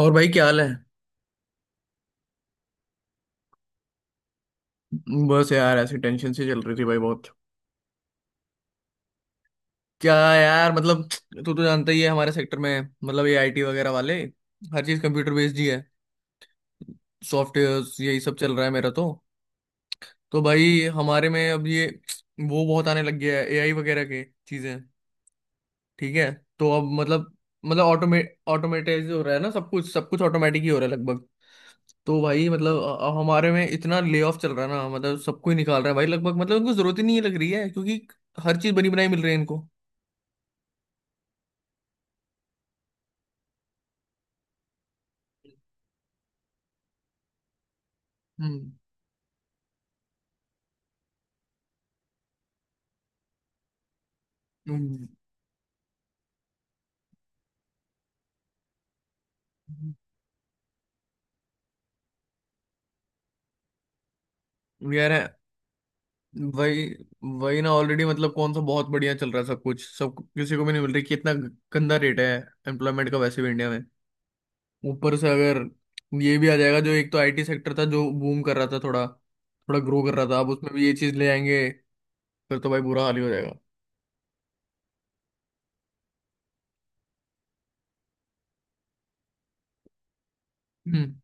और भाई, क्या हाल है? बस यार, ऐसी टेंशन सी चल रही थी भाई, बहुत। क्या यार, मतलब। तू तो जानता ही है, हमारे सेक्टर में मतलब ये आईटी वगैरह वाले हर चीज कंप्यूटर बेस्ड ही है। सॉफ्टवेयर यही सब चल रहा है मेरा तो। तो भाई हमारे में अब ये, वो बहुत आने लग गया है एआई वगैरह के चीजें। ठीक है। तो अब मतलब, मतलब ऑटोमेटाइज हो रहा है ना, सब कुछ ऑटोमेटिक ही हो रहा है लगभग। तो भाई मतलब हमारे में इतना ले ऑफ चल रहा है ना, मतलब सबको ही निकाल रहा है भाई लगभग, मतलब उनको जरूरत ही नहीं लग रही है, क्योंकि हर चीज बनी बनाई मिल रही है इनको। हम्म हम्म। यार है। वही। वही ना, ऑलरेडी मतलब कौन सा बहुत बढ़िया चल रहा है सब कुछ, सब किसी को भी नहीं मिल रही, कितना गंदा रेट है एम्प्लॉयमेंट का वैसे भी इंडिया में। ऊपर से अगर ये भी आ जाएगा, जो एक तो आईटी सेक्टर था जो बूम कर रहा था, थोड़ा थोड़ा ग्रो कर रहा था, अब उसमें भी ये चीज ले आएंगे, फिर तो भाई बुरा हाल ही हो जाएगा। हम्म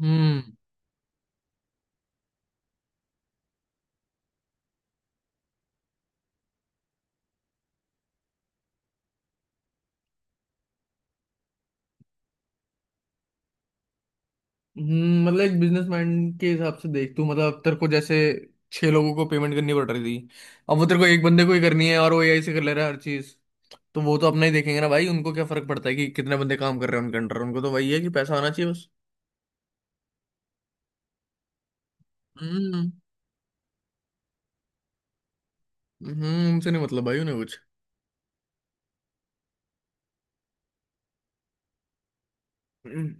हम्म मतलब एक बिजनेसमैन के हिसाब से देख तू, मतलब तेरे को जैसे छह लोगों को पेमेंट करनी पड़ रही थी, अब वो तेरे को एक बंदे को ही करनी है और वो एआई से कर ले रहा है हर चीज। तो वो तो अपना ही देखेंगे ना भाई, उनको क्या फर्क पड़ता है कि कितने बंदे काम कर रहे हैं उनके अंडर, उनको तो वही है कि पैसा आना चाहिए बस। हम्म। हम्म, उनसे नहीं, मतलब भाई उन्हें कुछ। हम्म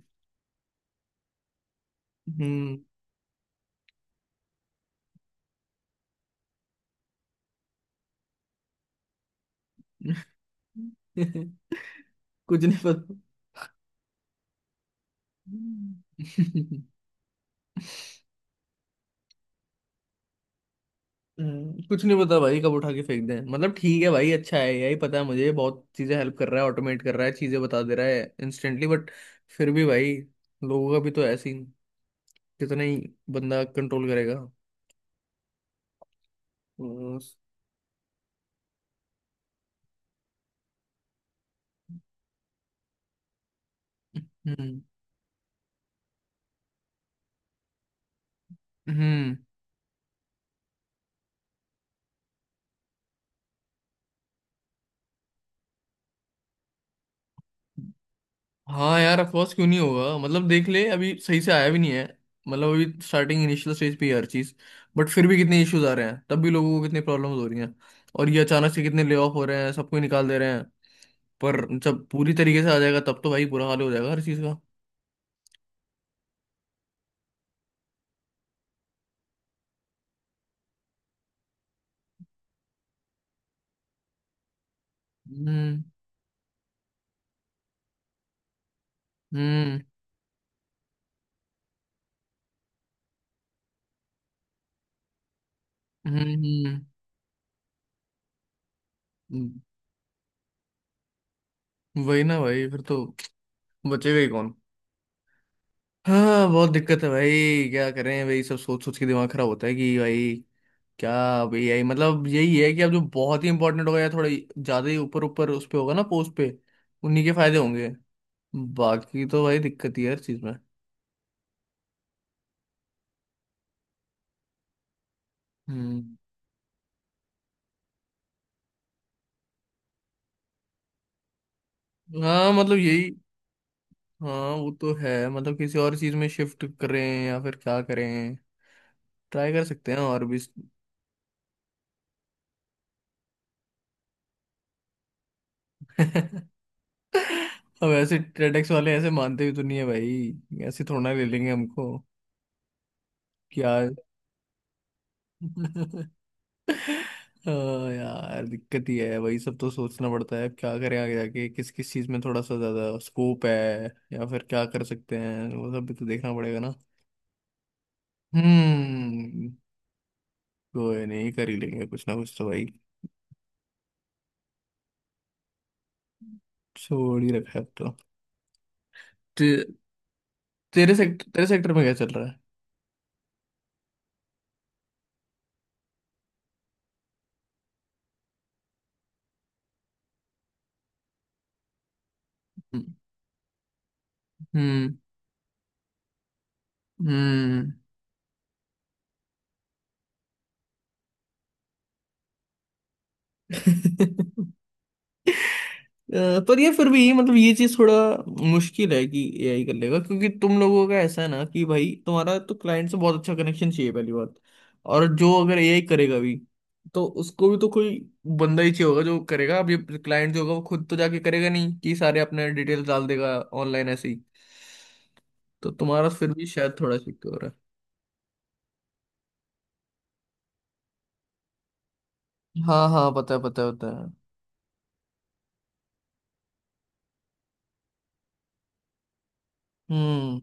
हम्म। कुछ नहीं पता। कुछ नहीं पता भाई, कब उठा के फेंक दें। मतलब ठीक है भाई, अच्छा है यही पता है मुझे, बहुत चीजें हेल्प कर रहा है, ऑटोमेट कर रहा है, चीजें बता दे रहा है इंस्टेंटली, बट फिर भी भाई लोगों का भी तो ऐसे ही, कितना ही बंदा कंट्रोल करेगा। हम्म। हम्म। हाँ यार, अफकोर्स क्यों नहीं होगा। मतलब देख ले, अभी सही से आया भी नहीं है, मतलब अभी स्टार्टिंग इनिशियल स्टेज पे ही है हर चीज, बट फिर भी कितने इश्यूज आ रहे हैं, तब भी लोगों को कितनी प्रॉब्लम्स हो रही हैं, और ये अचानक से कितने ले ऑफ हो रहे हैं, सबको ही निकाल दे रहे हैं। पर जब पूरी तरीके से आ जाएगा, तब तो भाई बुरा हाल हो जाएगा हर चीज का। हम्म हम्म हम्म हम्म, वही ना भाई, फिर तो बचेगा ही कौन। हाँ बहुत दिक्कत है भाई, क्या करें भाई। सब सोच सोच के दिमाग खराब होता है कि भाई क्या। अब एआई मतलब यही है कि अब जो बहुत ही इंपॉर्टेंट होगा, या थोड़ा ज्यादा ही ऊपर ऊपर उस पे होगा ना पोस्ट पे, उन्हीं के फायदे होंगे, बाकी तो भाई दिक्कत ही है हर चीज में। हम्म। हाँ मतलब यही। हाँ वो तो है, मतलब किसी और चीज में शिफ्ट करें या फिर क्या करें। ट्राई कर सकते हैं और भी। अब ऐसे ट्रेडेक्स वाले ऐसे मानते भी तो नहीं है भाई, ऐसे थोड़ा ना ले लेंगे हमको, कि यार। हाँ यार दिक्कत ही है। वही सब तो सोचना पड़ता है, अब क्या करें, आगे जाके किस किस चीज में थोड़ा सा ज्यादा स्कोप है या फिर क्या कर सकते हैं, वो सब भी तो देखना पड़ेगा ना। हम्म। कोई नहीं, कर ही लेंगे कुछ ना कुछ तो भाई। छोड़ ही रखा है अब तो। ते, तेरे सेक्टर में क्या चल रहा है? हम्म हम्म हम्म। पर ये फिर भी मतलब ये चीज थोड़ा मुश्किल है कि एआई कर लेगा, क्योंकि तुम लोगों का ऐसा है ना कि भाई तुम्हारा तो क्लाइंट से बहुत अच्छा कनेक्शन चाहिए, पहली बात। और जो अगर एआई करेगा भी, तो उसको भी तो कोई बंदा ही चाहिए होगा जो करेगा। अब ये क्लाइंट जो होगा, वो खुद तो जाके करेगा नहीं कि सारे अपने डिटेल्स डाल देगा ऑनलाइन ऐसे ही। तो तुम्हारा फिर भी शायद थोड़ा सिक्योर हो रहा है। हाँ हाँ, पता है पता है पता है। हम्म।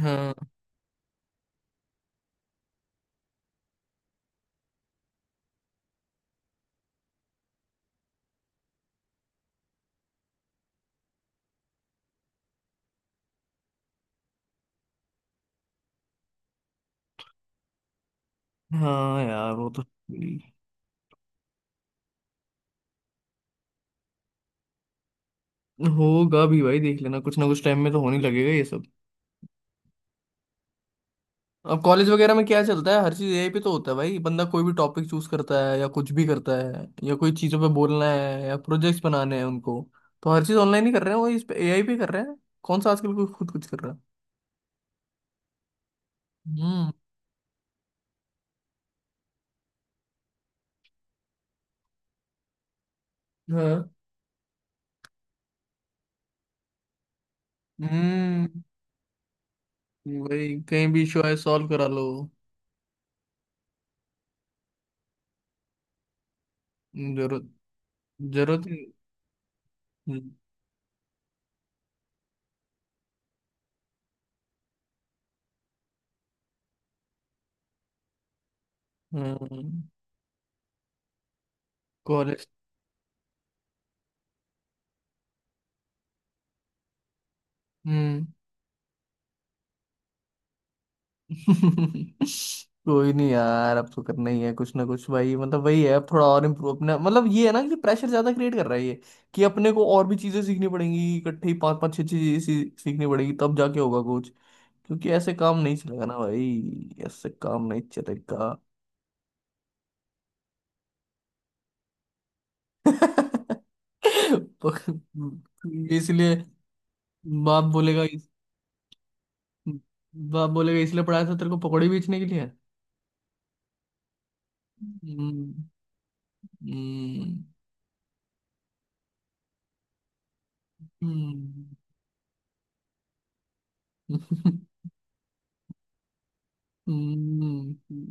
हाँ। हाँ यार वो तो। होगा भी भाई, देख लेना कुछ ना कुछ टाइम में तो होने लगेगा ये सब। अब कॉलेज वगैरह में क्या चलता है, हर चीज एआई पे तो होता है भाई। बंदा कोई भी टॉपिक चूज करता है, या कुछ भी करता है, या कोई चीजों पे बोलना है या प्रोजेक्ट्स बनाने हैं उनको, तो हर चीज ऑनलाइन ही कर रहे हैं, वो इस पे एआई पे कर रहे हैं। कौन सा आजकल कोई खुद कुछ कर रहा है। हम्म। हाँ। हम्म। भाई कहीं भी इशू आए, सॉल्व करा लो। जरूरत। जरूरत ही-। हम्म। कॉलेज हम्म। college-। हम्म, कोई नहीं यार, अब तो करना ही है कुछ ना कुछ भाई। मतलब वही है, अब थोड़ा और इम्प्रूव अपना, मतलब ये है ना कि प्रेशर ज्यादा क्रिएट कर रहा है ये, कि अपने को और भी चीजें सीखनी पड़ेंगी, इकट्ठे ही पांच पांच छह छह चीजें सीखनी पड़ेगी, तब जाके होगा कुछ। क्योंकि ऐसे काम नहीं चलेगा ना भाई, ऐसे काम नहीं चलेगा। तो इसलिए। बाप बोलेगा इस- बाप बोलेगा, इसलिए पढ़ाया था तेरे को, पकौड़े बेचने के लिए? हम्म हम्म हम्म। हम्म हम्म,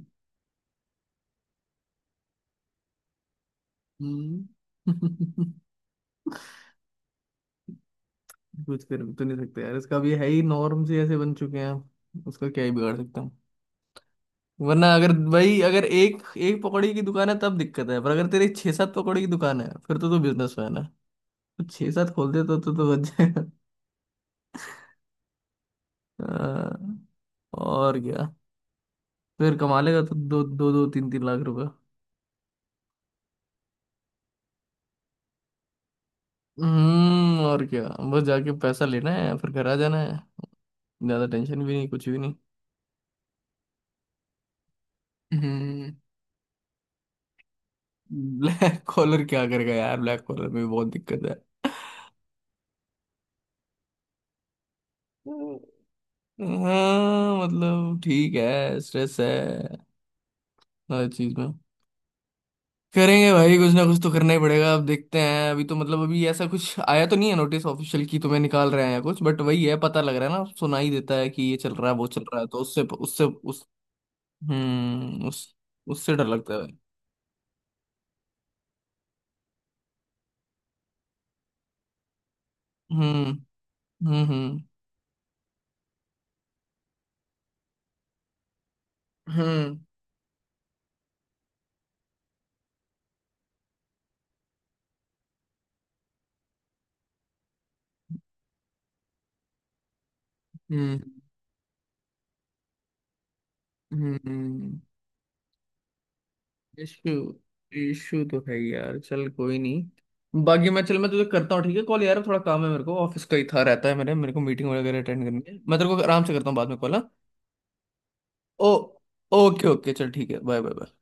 हम्म। कुछ कर तो नहीं सकते यार, इसका भी है ही। नॉर्म्स ही ऐसे बन चुके हैं, उसका क्या ही बिगाड़ सकता हूँ। वरना अगर भाई, अगर एक एक पकौड़ी की दुकान है तब दिक्कत है, पर अगर तेरी छह सात पकौड़ी की दुकान है फिर तो तू बिजनेसमैन है। तो छह सात खोल दे, तो बच जाएगा। और क्या। फिर कमा लेगा तो दो दो दो तीन तीन लाख रुपए। हम्म, और क्या। बस जाके पैसा लेना है, फिर घर आ जाना है। ज्यादा टेंशन भी नहीं, कुछ भी नहीं। हम्म। ब्लैक कॉलर क्या करेगा यार, ब्लैक कॉलर में भी बहुत दिक्कत है। हाँ मतलब ठीक है, स्ट्रेस है हर चीज में। करेंगे भाई, कुछ ना कुछ तो करना ही पड़ेगा। अब देखते हैं, अभी तो मतलब अभी ऐसा कुछ आया तो नहीं है नोटिस ऑफिशियल की तुम्हें निकाल रहे हैं या कुछ, बट वही है, पता लग रहा है ना, सुना ही देता है कि ये चल रहा है वो चल रहा है, तो उससे उससे उस। उस। उससे डर लगता है। हम्म हम्म हम्म हम्म हम्म। इशू। इशू तो है यार। चल कोई नहीं, बाकी मैं चल, मैं तुझे करता हूँ ठीक है कॉल, यार थोड़ा काम है मेरे को, ऑफिस का ही था, रहता है, मेरे मेरे को मीटिंग वगैरह अटेंड करनी है, मैं तेरे को आराम से करता हूँ बाद में कॉल। हाँ। ओ। ओके ओके, चल ठीक है, बाय बाय बाय।